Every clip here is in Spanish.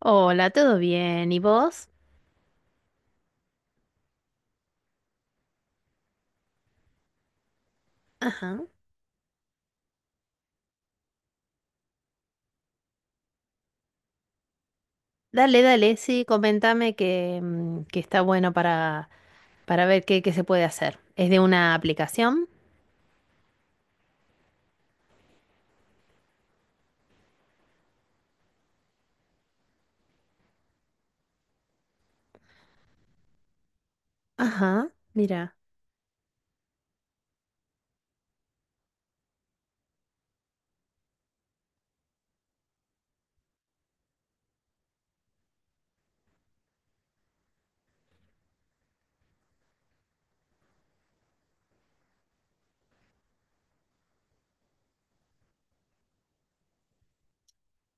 Hola, ¿todo bien? ¿Y vos? Ajá. Dale, dale, sí, comentame que está bueno para ver qué, qué se puede hacer. ¿Es de una aplicación? Ajá, mira.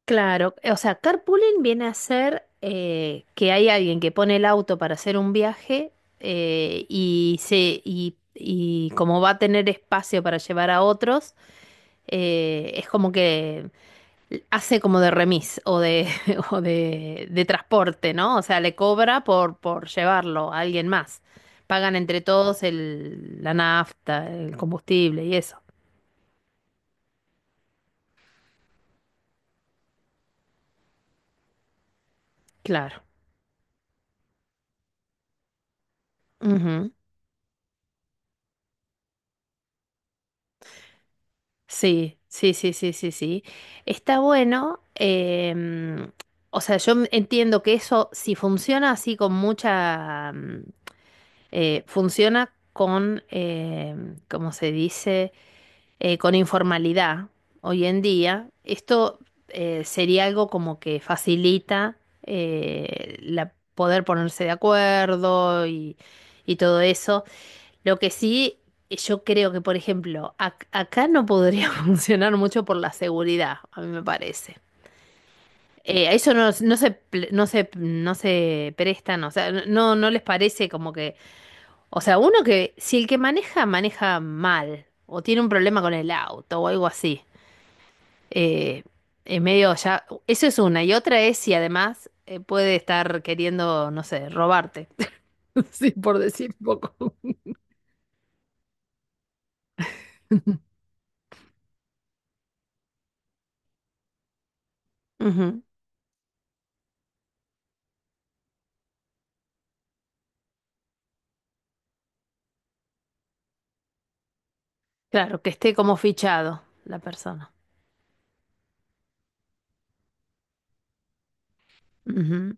Claro, o sea, carpooling viene a ser que hay alguien que pone el auto para hacer un viaje eh, y, se, y como va a tener espacio para llevar a otros, es como que hace como de remis o de transporte, ¿no? O sea, le cobra por llevarlo a alguien más. Pagan entre todos el, la nafta, el combustible y eso. Claro. Ujú. Sí, sí, sí, sí, sí, sí. Está bueno. O sea, yo m- entiendo que eso, si funciona así con mucha funciona con, ¿cómo se dice? Con informalidad hoy en día, esto sería algo como que facilita la, poder ponerse de acuerdo y todo eso. Lo que sí, yo creo que, por ejemplo, ac- acá no podría funcionar mucho por la seguridad, a mí me parece. A eso no, no se, ple- no se, no se prestan, o sea, no, no no les parece como que... O sea, uno que si el que maneja maneja mal o tiene un problema con el auto o algo así, eh, en medio ya, eso es una. Y otra es si además puede estar queriendo, no sé, robarte. Sí, por decir poco. Ujú. Claro, que esté como fichado la persona. Ujú.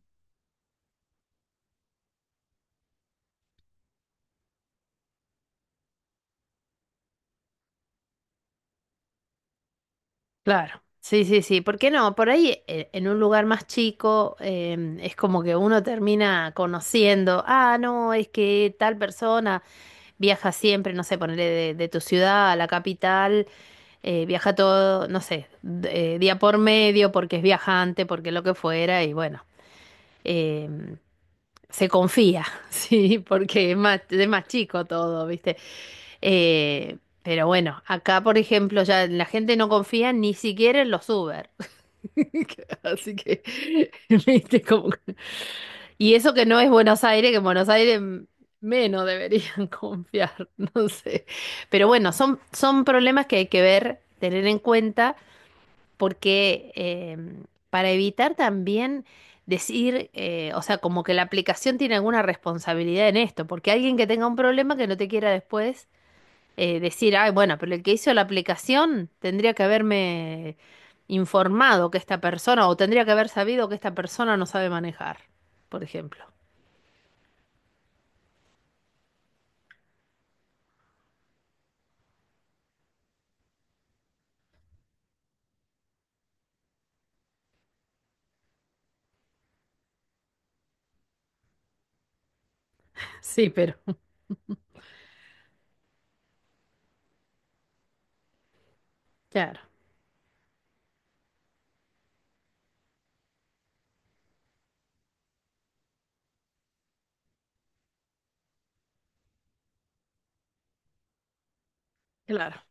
Claro, sí, sí, sí, ¿por qué no? Por ahí en un lugar más chico es como que uno termina conociendo, ah, no, es que tal persona viaja siempre, no sé, ponerle de tu ciudad a la capital, viaja todo, no sé, d- día por medio, porque es viajante, porque lo que fuera, y bueno, em, se confía, sí, porque es más chico todo, ¿viste? Pero bueno, acá, por ejemplo, ya la gente no confía ni siquiera en los Uber. Así que, ¿viste? Como... Y eso que no es Buenos Aires, que en Buenos Aires m- menos deberían confiar, no sé. Pero bueno, son, son problemas que hay que ver, tener en cuenta porque para evitar también decir, o sea, como que la aplicación tiene alguna responsabilidad en esto, porque alguien que tenga un problema que no te quiera después decir, ay, bueno, pero el que hizo la aplicación tendría que haberme informado que esta persona, o tendría que haber sabido que esta persona no sabe manejar, por ejemplo. Sí, pero claro, claro.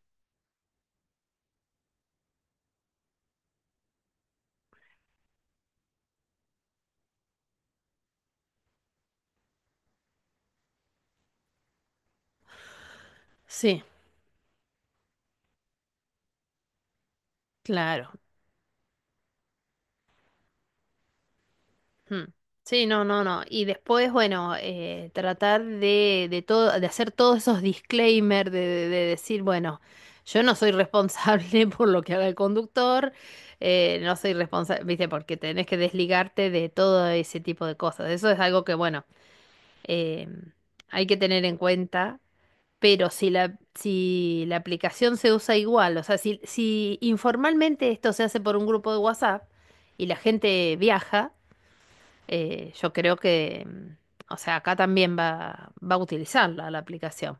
Sí, claro. Hmm. Sí, no, no, no. Y después, bueno, tratar de todo, de hacer todos esos disclaimers, de decir, bueno, yo no soy responsable por lo que haga el conductor, no soy responsable, viste, porque tenés que desligarte de todo ese tipo de cosas. Eso es algo que, bueno, eh, hay que tener en cuenta. Pero si la, si la aplicación se usa igual, o sea, si, si informalmente esto se hace por un grupo de WhatsApp y la gente viaja, yo creo que, o sea, acá también va, va a utilizarla la aplicación.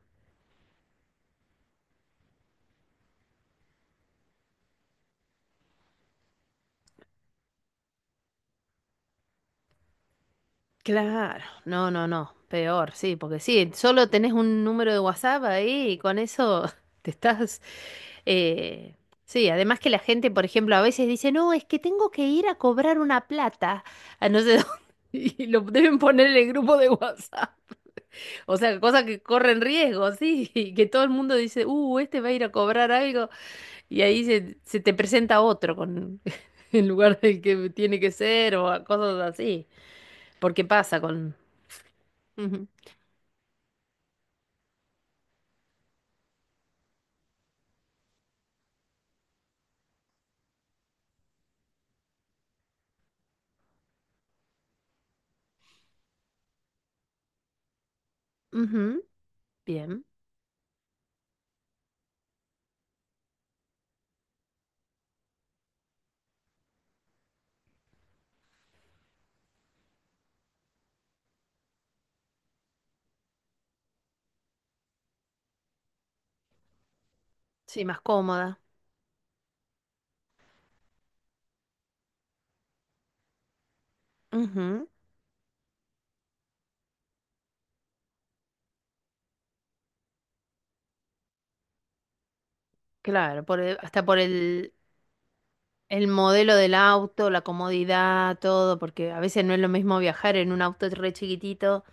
Claro, no, no, no, peor, sí, porque sí, solo tenés un número de WhatsApp ahí y con eso te estás... eh, sí, además que la gente, por ejemplo, a veces dice, no, es que tengo que ir a cobrar una plata a no sé dónde y lo deben poner en el grupo de WhatsApp. O sea, cosas que corren riesgo, sí, y que todo el mundo dice, este va a ir a cobrar algo. Y ahí se, se te presenta otro con en lugar del que tiene que ser o a- cosas así. Porque pasa con... Ujú, ujú, bien. Sí, más cómoda. Ujú, claro, por el- hasta por el modelo del auto, la comodidad, todo, porque a veces no es lo mismo viajar en un auto re chiquitito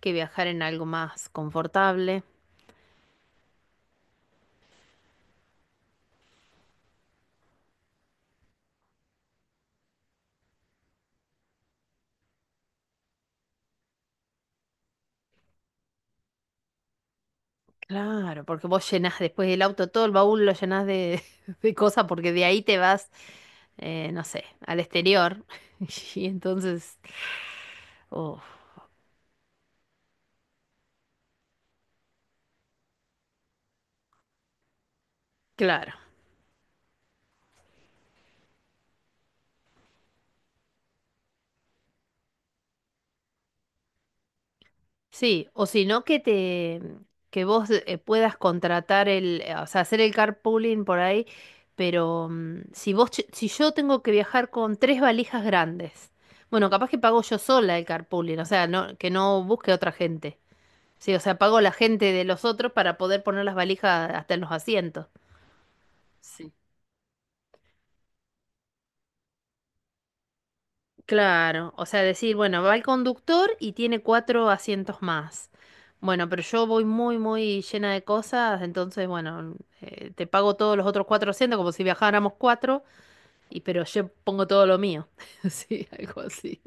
que viajar en algo más confortable. Claro, porque vos llenás después del auto todo el baúl, lo llenás de, de cosas, porque de ahí te vas, no sé, al exterior. Y entonces, oh, claro, sí, o si no que te, que vos puedas contratar el, o sea, hacer el carpooling por ahí, pero si vos, ch- si yo tengo que viajar con tres valijas grandes, bueno, capaz que pago yo sola el carpooling, o sea, no, que no busque otra gente. Sí, o sea, pago la gente de los otros para poder poner las valijas hasta en los asientos. Sí. Claro, o sea, decir, bueno, va el conductor y tiene cuatro asientos más. Bueno, pero yo voy muy, muy llena de cosas, entonces, bueno, te pago todos los otros cuatro asientos como si viajáramos cuatro, y pero yo pongo todo lo mío. Sí, algo así.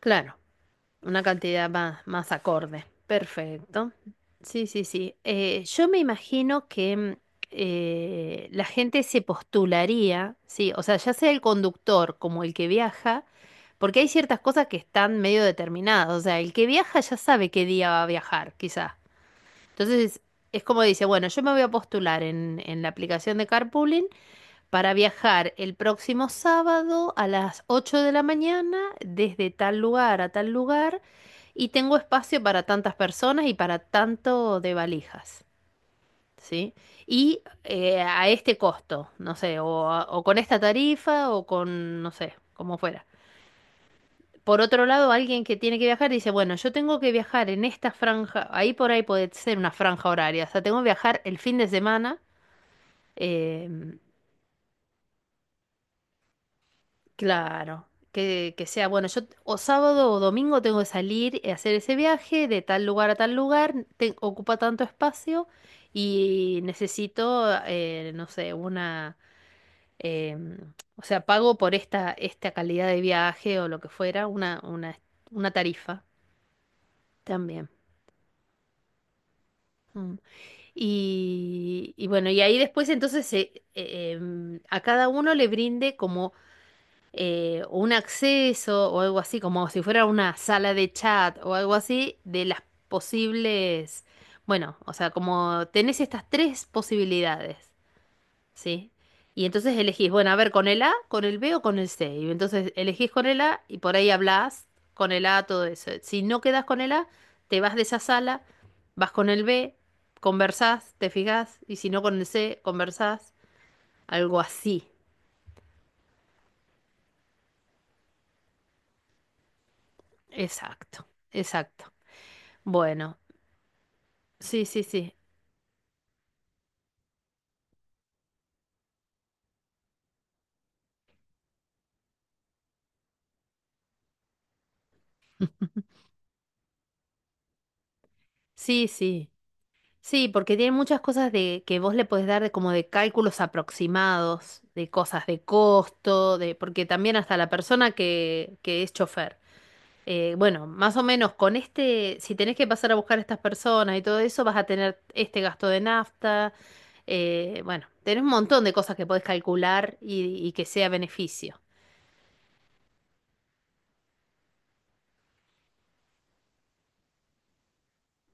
Claro. Una cantidad más, más acorde. Perfecto. Sí, sí, sí. Yo me imagino que la gente se postularía, sí, o sea, ya sea el conductor como el que viaja, porque hay ciertas cosas que están medio determinadas. O sea, el que viaja ya sabe qué día va a viajar, quizás. Entonces, es como dice, bueno, yo me voy a postular en la aplicación de carpooling para viajar el próximo sábado a las 8 de la mañana desde tal lugar a tal lugar y tengo espacio para tantas personas y para tanto de valijas, ¿sí? Y a este costo, no sé, o, a- o con esta tarifa o con, no sé, como fuera. Por otro lado, alguien que tiene que viajar dice, bueno, yo tengo que viajar en esta franja, ahí por ahí puede ser una franja horaria, o sea, tengo que viajar el fin de semana. eh, Claro, que sea, bueno, yo o sábado o domingo tengo que salir y hacer ese viaje de tal lugar a tal lugar, te- ocupa tanto espacio y necesito, no sé, una, o sea, pago por esta, esta calidad de viaje o lo que fuera, una tarifa también. Mm. Y bueno, y ahí después entonces se- a cada uno le brinde como o un acceso o algo así, como si fuera una sala de chat o algo así, de las posibles, bueno, o sea, como tenés estas tres posibilidades, ¿sí? Y entonces elegís, bueno, a ver, con el A, con el B o con el C. Y entonces elegís con el A y por ahí hablás con el A, todo eso. Si no quedás con el A, te vas de esa sala, vas con el B, conversás, te fijás, y si no con el C, conversás, algo así. Exacto, exacto. Bueno, sí, sí, sí. Sí, sí. Sí, porque tiene muchas cosas de que vos le podés dar de como de cálculos aproximados, de cosas de costo, de porque también hasta la persona que es chofer. Bueno, más o menos con este, si tenés que pasar a buscar a estas personas y todo eso, vas a tener este gasto de nafta. Bueno, tenés un montón de cosas que podés calcular y que sea beneficio.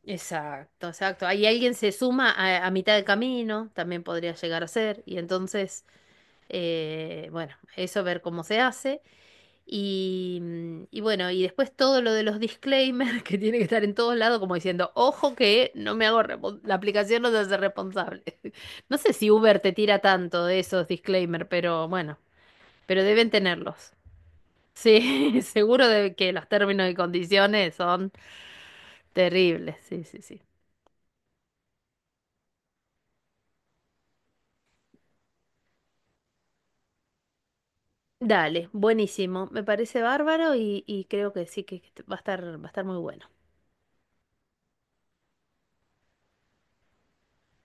Exacto, exacto. Ahí alguien se suma a mitad de camino, también podría llegar a ser, y entonces, bueno, eso ver cómo se hace. Y, y bueno, y después todo lo de los disclaimers que tiene que estar en todos lados, como diciendo, ojo que no me hago, respon- la aplicación no se hace responsable. No sé si Uber te tira tanto de esos disclaimers, pero bueno, pero deben tenerlos. Sí, seguro de que los términos y condiciones son terribles. Sí, sí, sí. Dale, buenísimo. Me parece bárbaro y creo que sí que va a estar muy bueno.